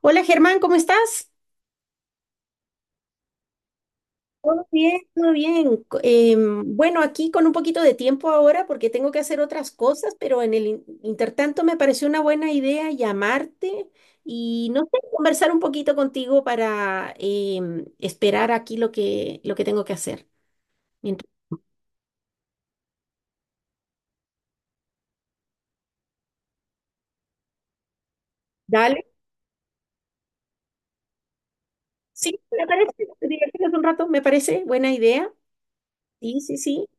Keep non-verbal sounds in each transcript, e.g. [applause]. Hola Germán, ¿cómo estás? Todo bien, todo bien. Bueno, aquí con un poquito de tiempo ahora porque tengo que hacer otras cosas, pero en el intertanto me pareció una buena idea llamarte y no sé, conversar un poquito contigo para esperar aquí lo que tengo que hacer. Mientras- Dale, sí, me parece, divertirnos un rato, me parece buena idea. Sí, sí, sí.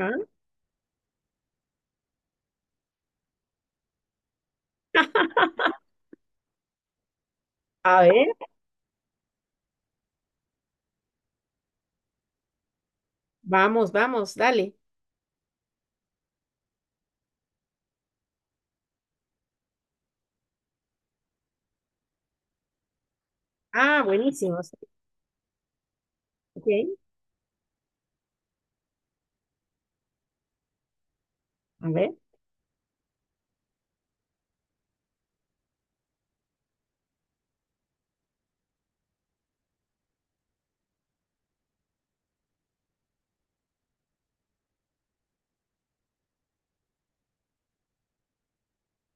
Ah, a ver, vamos, vamos, dale. Ah, buenísimo. Sí, ok, a ver.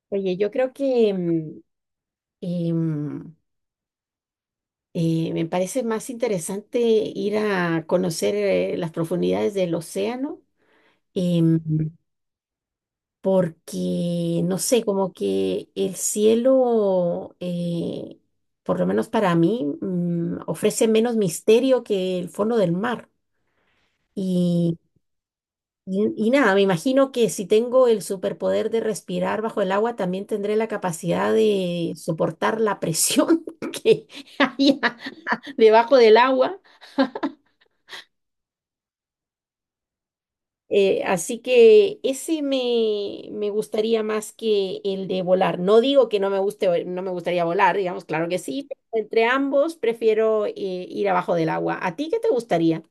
Oye, yo creo que... Y mm, me parece más interesante ir a conocer las profundidades del océano, em, porque, no sé, como que el cielo, por lo menos para mí, ofrece menos misterio que el fondo del mar. Y, y nada, me imagino que si tengo el superpoder de respirar bajo el agua, también tendré la capacidad de soportar la presión [laughs] que hay debajo del agua. Así que ese me gustaría más que el de volar. No digo que no me guste, no me gustaría volar, digamos, claro que sí, pero entre ambos prefiero ir abajo del agua. ¿A ti qué te gustaría?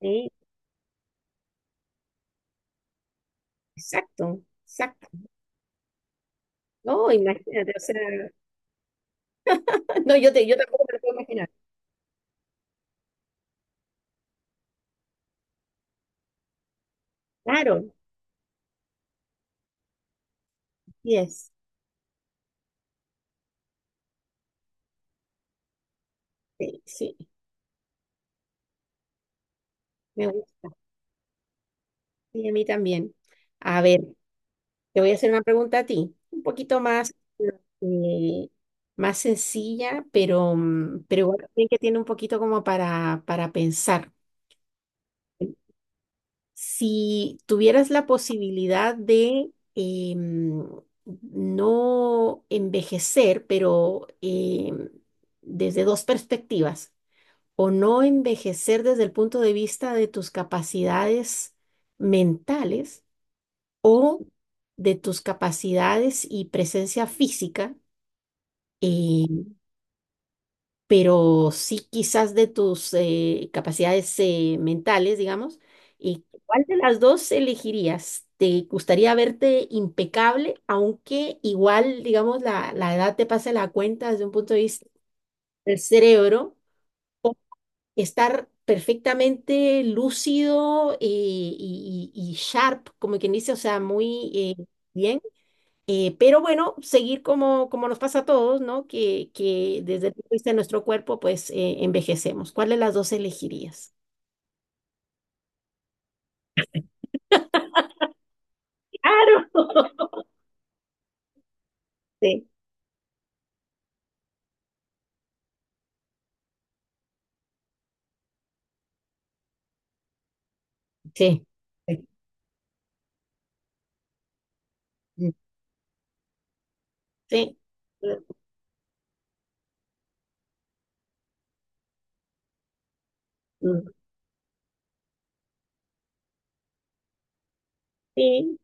Sí, exacto, exacto. No, imagínate, o sea, [laughs] no, yo tampoco me lo puedo imaginar. Claro, yes, sí, sí, me gusta. Sí, a mí también. A ver. Te voy a hacer una pregunta a ti, un poquito más, eh, más sencilla, pero igual también que tiene un poquito como para pensar. Si tuvieras la posibilidad de no envejecer, pero desde dos perspectivas, o no envejecer desde el punto de vista de tus capacidades mentales, o de tus capacidades y presencia física, eh, pero sí quizás de tus capacidades mentales, digamos. ¿Y cuál de las dos elegirías? ¿Te gustaría verte impecable, aunque igual, digamos, la edad te pase la cuenta desde un punto de vista del cerebro, estar perfectamente lúcido y sharp, como quien dice, o sea, muy bien. Pero bueno, seguir como nos pasa a todos, ¿no? Que desde el punto de vista de nuestro cuerpo, pues envejecemos. ¿Cuál de las dos elegirías? Claro. Sí. Sí. Sí. Mm, sí,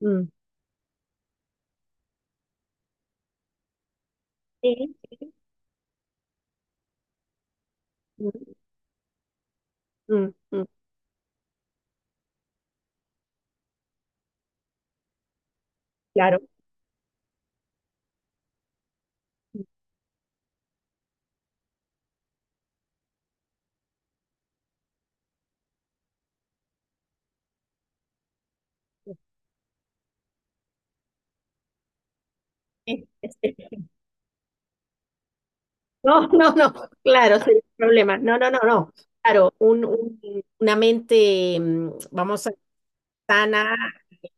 mm, mm, sí, mm, sí, mm, mm. Mm, claro. Sí, sí. No, no, no, claro, sería un problema. No, no, no, no. Claro, una mente, vamos a sana,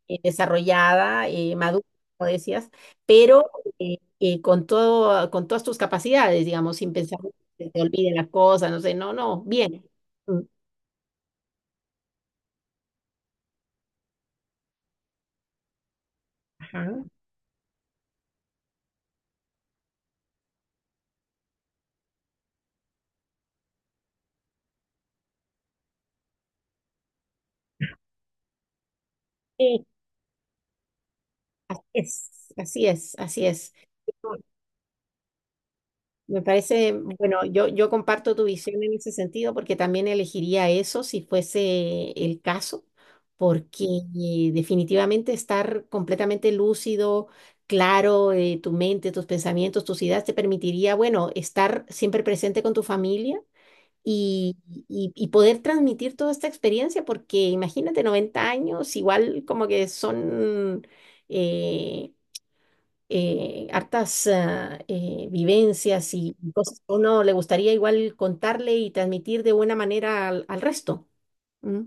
desarrollada, madura, como decías, pero con todo, con todas tus capacidades, digamos, sin pensar que se te olviden las cosas, no sé, no, no, bien. Mm, ajá. Sí, es, así es, así es. Me parece, bueno, yo comparto tu visión en ese sentido porque también elegiría eso si fuese el caso, porque definitivamente estar completamente lúcido, claro, tu mente, tus pensamientos, tus ideas te permitiría, bueno, estar siempre presente con tu familia y, y poder transmitir toda esta experiencia, porque imagínate, 90 años, igual como que son... eh, hartas vivencias y cosas que uno le gustaría igual contarle y transmitir de buena manera al resto. Mm,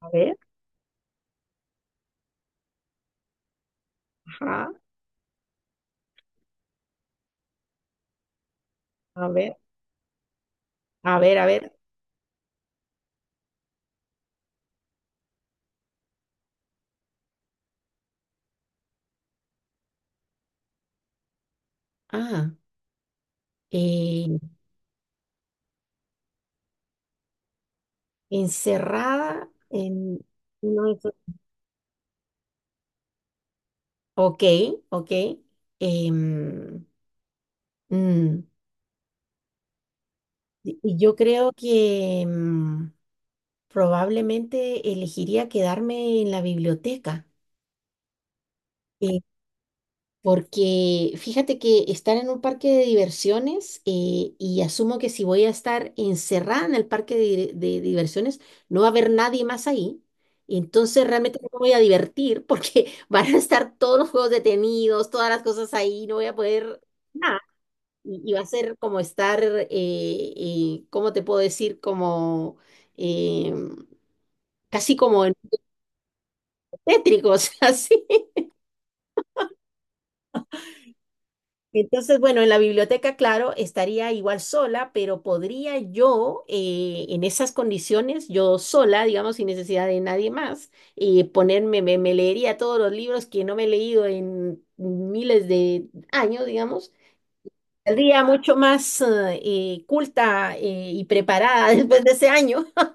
a ver, ajá, a ver, a ver, a ver. Ah, eh, encerrada en uno de esos- Ok, ok. em, mm, y yo creo que probablemente elegiría quedarme en la biblioteca. eh, Porque fíjate que estar en un parque de diversiones y asumo que si voy a estar encerrada en el parque de diversiones, no va a haber nadie más ahí. Entonces realmente no me voy a divertir porque [laughs] van a estar todos los juegos detenidos, todas las cosas ahí, no voy a poder nada. Y va a ser como estar, ¿cómo te puedo decir? Como eh, casi como en tétricos, [laughs] así. Entonces, bueno, en la biblioteca, claro, estaría igual sola, pero podría yo, en esas condiciones, yo sola, digamos, sin necesidad de nadie más, ponerme, me leería todos los libros que no me he leído en miles de años, digamos. Saldría mucho más, culta, y preparada [laughs] después de ese año. [laughs]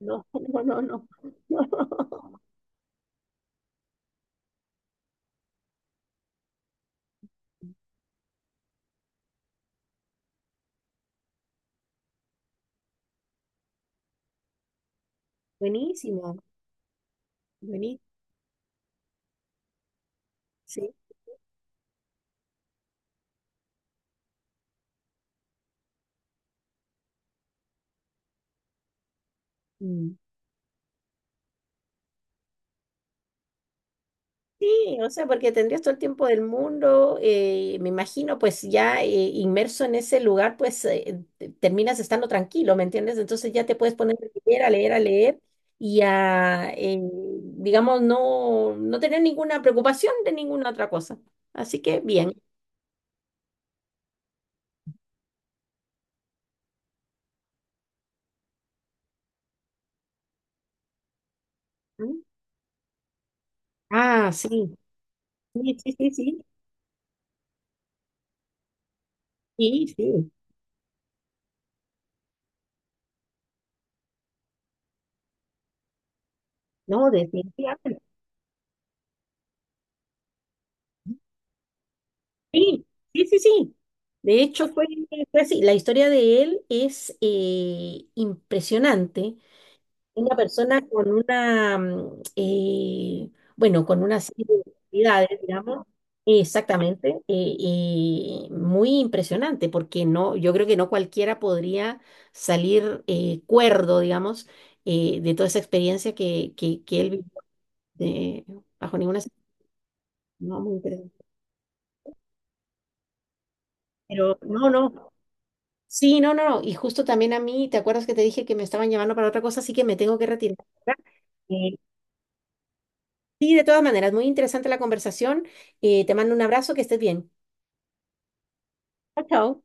No, no, no, no. [laughs] Buenísimo, buenísimo, sí. Mm. Sí, o sea, porque tendrías todo el tiempo del mundo, me imagino, pues ya inmerso en ese lugar, pues terminas estando tranquilo, ¿me entiendes? Entonces ya te puedes poner a leer, a leer, a leer y a, digamos, no, no tener ninguna preocupación de ninguna otra cosa. Así que bien. ¿Mm? Ah, sí, sí, sí, sí, sí, sí, sí, no, definitivamente. Sí, sí, sí, sí. De hecho, fue así. La historia de él es impresionante. Una persona con una serie de habilidades, digamos, exactamente, y muy impresionante, porque no, yo creo que no cualquiera podría salir cuerdo, digamos, de toda esa experiencia que él vivió, eh, bajo ninguna... No, muy interesante. Pero no, no. Sí, no, no, no. Y justo también a mí, ¿te acuerdas que te dije que me estaban llamando para otra cosa? Así que me tengo que retirar. ¿Verdad? Eh, Sí, de todas maneras, muy interesante la conversación. Te mando un abrazo, que estés bien. Chao, chao.